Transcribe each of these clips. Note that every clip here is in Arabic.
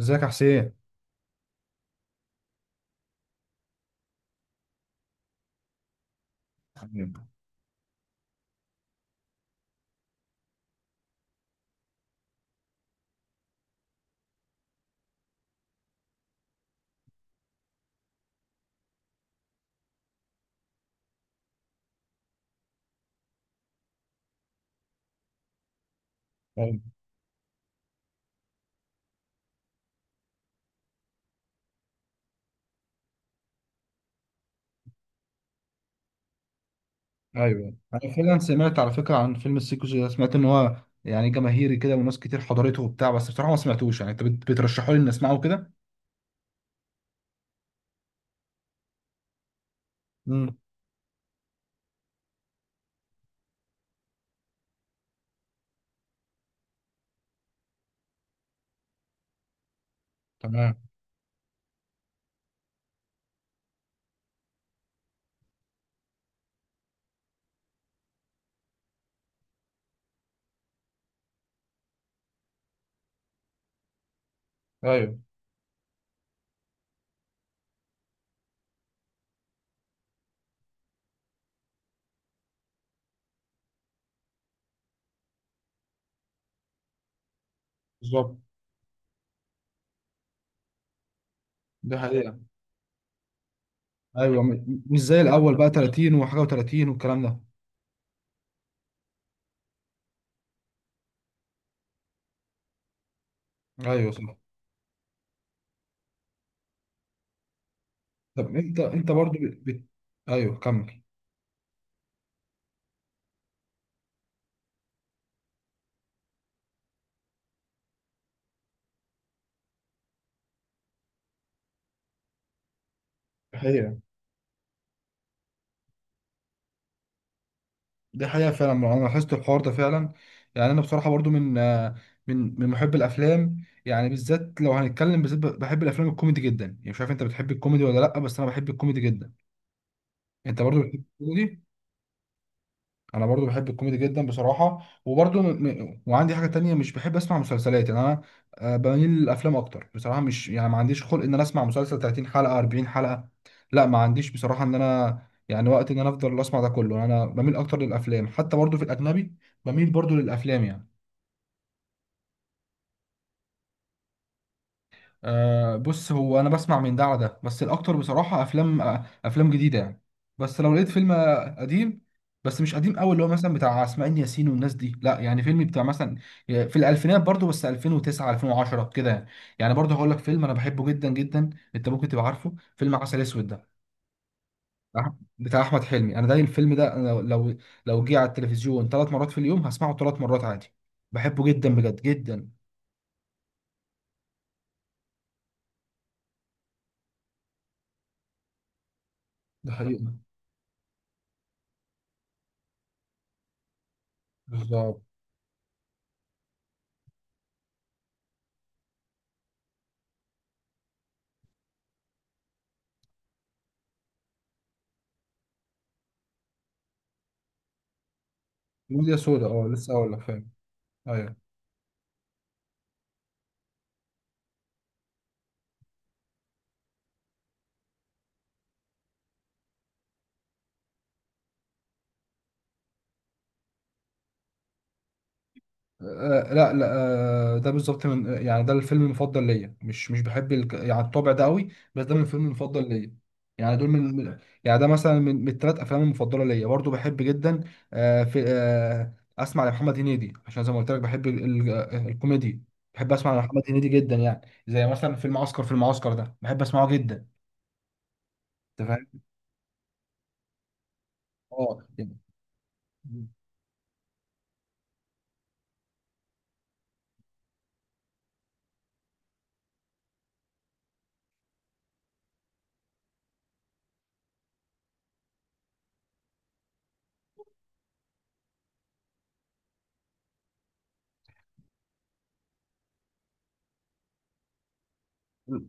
ازيك يا حسين؟ ايوه ايوه ايوه. انا فعلا سمعت على فكره عن فيلم السيكو سيكو ده، سمعت ان هو يعني جماهيري كده وناس كتير حضرته وبتاع، بس بصراحه ما سمعتوش. يعني انت بترشحوا لي اني اسمعه كده؟ امم. تمام. ايوه، بالظبط، ده حقيقه. ايوه، مش زي الاول بقى 30 وحاجه و30 والكلام ده. ايوه صح. طب انت برضو ايوه، كمل. دي حقيقة فعلا، ما انا لاحظت الحوار ده فعلا. يعني انا بصراحة برضو من آه، من من محب الافلام، يعني بالذات لو هنتكلم بالذات بحب الافلام الكوميدي جدا. يعني مش عارف انت بتحب الكوميدي ولا لا، بس انا بحب الكوميدي جدا. انت برضو بتحب الكوميدي؟ انا برضو بحب الكوميدي جدا بصراحه. وبرضو وعندي حاجه تانية، مش بحب اسمع مسلسلات. يعني انا آه، بميل للافلام اكتر بصراحه. مش يعني ما عنديش خلق ان انا اسمع مسلسل 30 حلقه 40 حلقه، لا ما عنديش بصراحه ان انا، يعني وقت ان انا افضل اسمع ده كله انا بميل اكتر للافلام. حتى برضو في الاجنبي بميل برضو للافلام يعني. آه بص، هو انا بسمع من ده على ده، بس الاكتر بصراحه افلام، آه افلام جديده يعني. بس لو لقيت فيلم قديم، بس مش قديم قوي اللي هو مثلا بتاع اسماعيل ياسين والناس دي، لا يعني فيلم بتاع مثلا في الالفينات، برضو بس 2009 2010 كده يعني. يعني برضو هقول لك فيلم انا بحبه جدا جدا. انت ممكن تبقى عارفه فيلم عسل اسود ده؟ أح- بتاع احمد حلمي. انا ده الفيلم ده أنا لو لو جه على التلفزيون ثلاث مرات في اليوم هسمعه ثلاث مرات عادي. بحبه جدا بجد جدا. ده حقيقة. بالظبط، ميديا سودا، اه لسه اقول لك، فاهم. ايوه. لا. آه ده بالظبط، من يعني ده الفيلم المفضل ليا، مش بحب يعني الطابع ده قوي، بس ده من الفيلم المفضل ليا. يعني دول يعني ده مثلا من الثلاث افلام المفضله ليا، برضو بحب جدا. آه في آه اسمع لمحمد هنيدي، عشان زي ما قلت لك بحب ال... ال... آه، الكوميدي. بحب اسمع لمحمد هنيدي جدا يعني. زي مثلا فيلم عسكر في المعسكر، ده بحب اسمعه جدا. انت فاهم؟ اه يعني.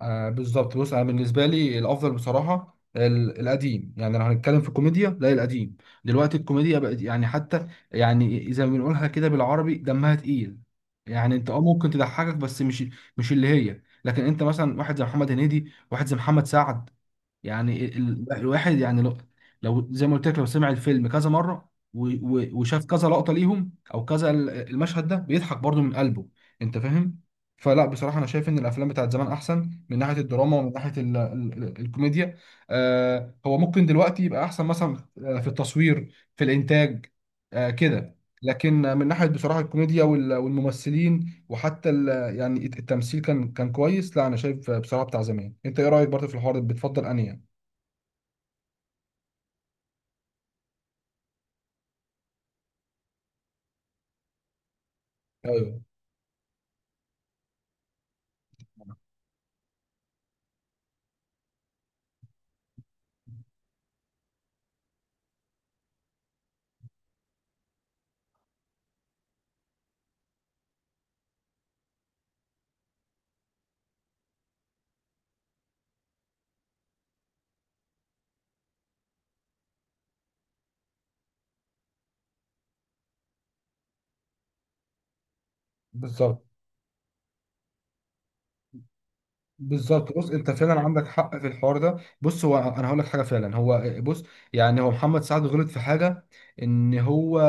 آه بالظبط، بص انا بالنسبه لي الافضل بصراحه القديم. يعني لو هنتكلم في الكوميديا، لا القديم. دلوقتي الكوميديا بقت يعني، حتى يعني اذا بنقولها كده بالعربي دمها تقيل. يعني انت اه ممكن تضحكك، بس مش اللي هي. لكن انت مثلا واحد زي محمد هنيدي، واحد زي محمد سعد، يعني لا الواحد يعني لو زي ما قلت لك لو سمع الفيلم كذا مرة وشاف كذا لقطة ليهم او كذا المشهد ده، بيضحك برضو من قلبه. انت فاهم؟ فلا بصراحة انا شايف ان الافلام بتاعت زمان احسن من ناحية الدراما ومن ناحية الكوميديا. آه هو ممكن دلوقتي يبقى احسن مثلا، في التصوير، في الانتاج، آه كده. لكن من ناحية بصراحة الكوميديا والممثلين وحتى ال، يعني التمثيل كان كويس. لا انا شايف بصراحه بتاع زمان. انت ايه رايك برضه في الحوار ده؟ بتفضل انهي يعني؟ ايوه بالظبط. بالظبط، بص انت فعلا عندك حق في الحوار ده. بص هو انا هقول لك حاجه، فعلا هو بص، يعني هو محمد سعد غلط في حاجه ان هو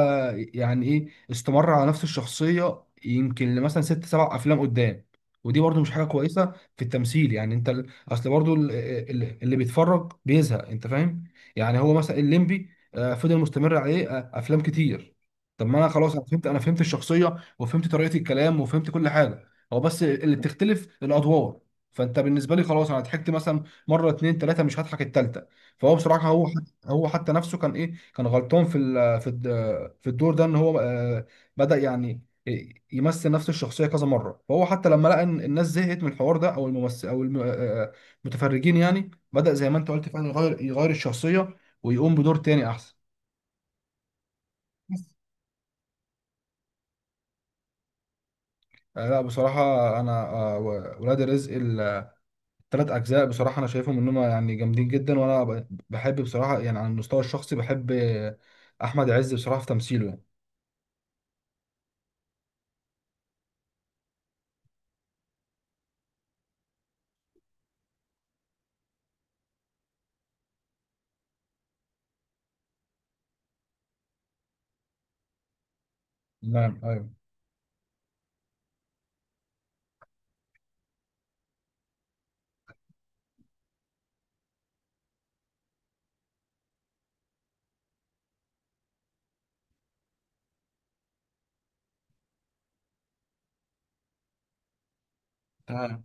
يعني ايه، استمر على نفس الشخصيه يمكن لمثلا ست سبع افلام قدام. ودي برضو مش حاجه كويسه في التمثيل. يعني انت اصل برضو اللي بيتفرج بيزهق. انت فاهم؟ يعني هو مثلا الليمبي فضل مستمر عليه افلام كتير. طب ما انا خلاص، فهمت انا فهمت الشخصيه، وفهمت طريقه الكلام، وفهمت كل حاجه. هو بس اللي بتختلف الادوار. فانت بالنسبه لي خلاص، انا ضحكت مثلا مره اتنين تلاته، مش هضحك التالته. فهو بصراحه هو حتى نفسه كان ايه، كان غلطان في في الدور ده، ان هو بدا يعني إيه، يمثل نفس الشخصيه كذا مره. فهو حتى لما لقى ان الناس زهقت من الحوار ده، او الممثل او الم- آه، آه، المتفرجين، يعني بدا زي ما انت قلت فعلا يغير، الشخصيه، ويقوم بدور تاني احسن. بس. آه، لا بصراحه انا آه، ولاد رزق ثلاث اجزاء، بصراحه انا شايفهم انهم يعني جامدين جدا. وانا بحب بصراحه يعني على المستوى الشخصي، بحب احمد عز بصراحه في تمثيله يعني. نعم ايوه. تمام.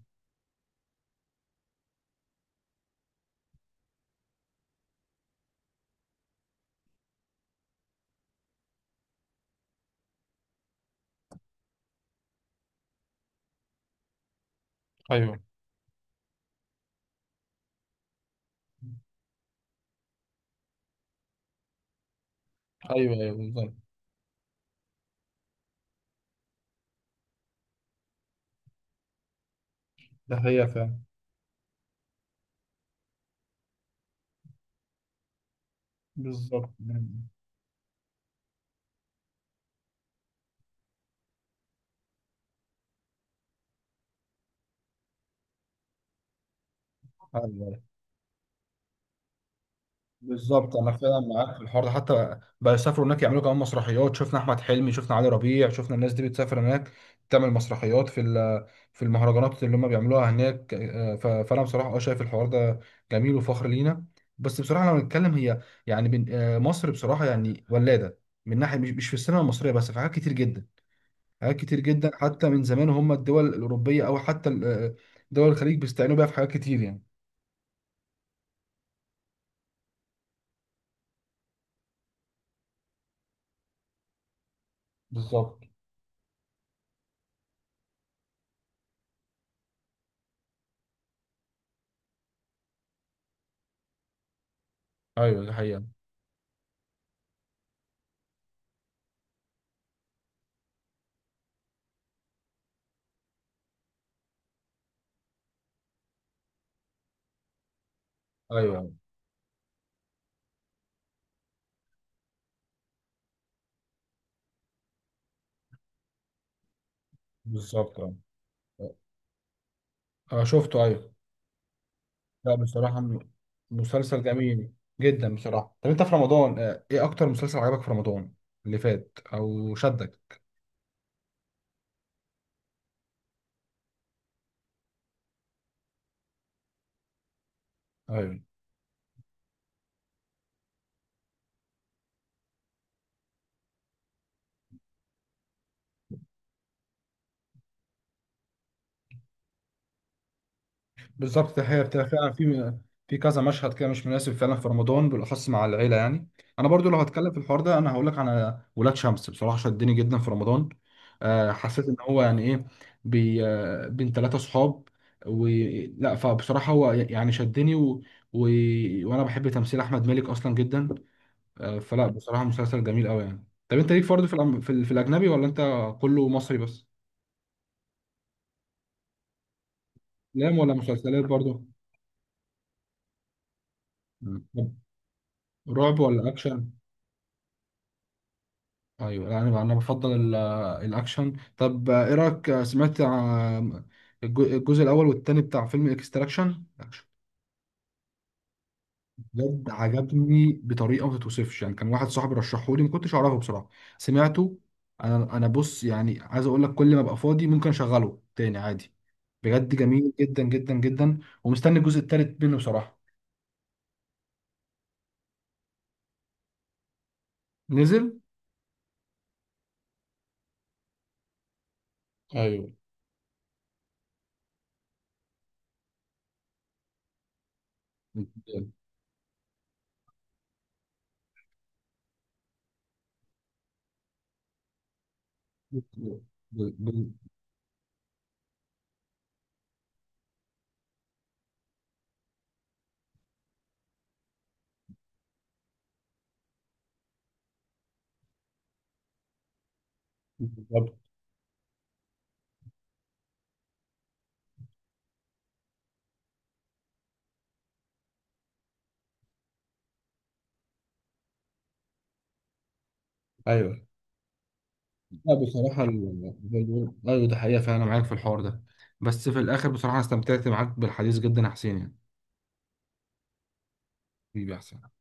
ايوه ايوه. بالظبط، ده هي فعلا. بالظبط، نعم. ايوه بالظبط، انا فعلا معاك في الحوار ده. حتى بيسافروا هناك، يعملوا كمان مسرحيات. شفنا احمد حلمي، شفنا علي ربيع، شفنا الناس دي بتسافر هناك تعمل مسرحيات في في المهرجانات اللي هم بيعملوها هناك. فانا بصراحه اه شايف الحوار ده جميل وفخر لينا. بس بصراحه لو نتكلم هي، يعني مصر بصراحه يعني ولاده من ناحيه، مش في السينما المصريه بس، في حاجات كتير جدا. حاجات كتير جدا حتى من زمان، هم الدول الاوروبيه او حتى دول الخليج بيستعينوا بيها في حاجات كتير يعني. بالظبط. ايوه دي حقيقه. ايوه بالظبط. آه. اه شفته ايوه. لا بصراحة مسلسل جميل جدا بصراحة. طب انت في رمضان ايه اكتر مسلسل عجبك في رمضان اللي فات او شدك؟ ايوه بالظبط، ده هي بتبقى فعلا في في كذا مشهد كده مش مناسب فعلا في رمضان بالاخص مع العيلة يعني. انا برضو لو هتكلم في الحوار ده، انا هقول لك على ولاد شمس، بصراحة شدني جدا في رمضان. حسيت ان هو يعني ايه، بي آه، بين ثلاثة صحاب. و لا فبصراحة هو يعني شدني، و... وانا بحب تمثيل احمد مالك اصلا جدا. فلا بصراحة مسلسل جميل قوي يعني. طب انت ليك فرض في في الأجنبي، ولا انت كله مصري بس؟ افلام ولا مسلسلات برضه؟ مم. طب رعب ولا أكشن؟ أيوه لا، أنا بفضل الأكشن. طب إيه رأيك؟ سمعت عن الجزء الأول والتاني بتاع فيلم إكستراكشن؟ بجد عجبني بطريقه ما تتوصفش يعني. كان واحد صاحبي رشحه لي، ما كنتش اعرفه بصراحه، سمعته. انا بص يعني عايز اقول لك، كل ما ابقى فاضي ممكن اشغله تاني عادي، بجد جميل جدا جدا جدا. ومستني الجزء التالت منه بصراحه. نزل؟ ايوه. ب- ب- بالظبط. ايوه لا بصراحة أيوة ده حقيقة فعلا، أنا معاك في الحوار ده. بس في الآخر بصراحة أنا استمتعت معاك بالحديث جدا يا حسين يعني. حبيبي يا حسين.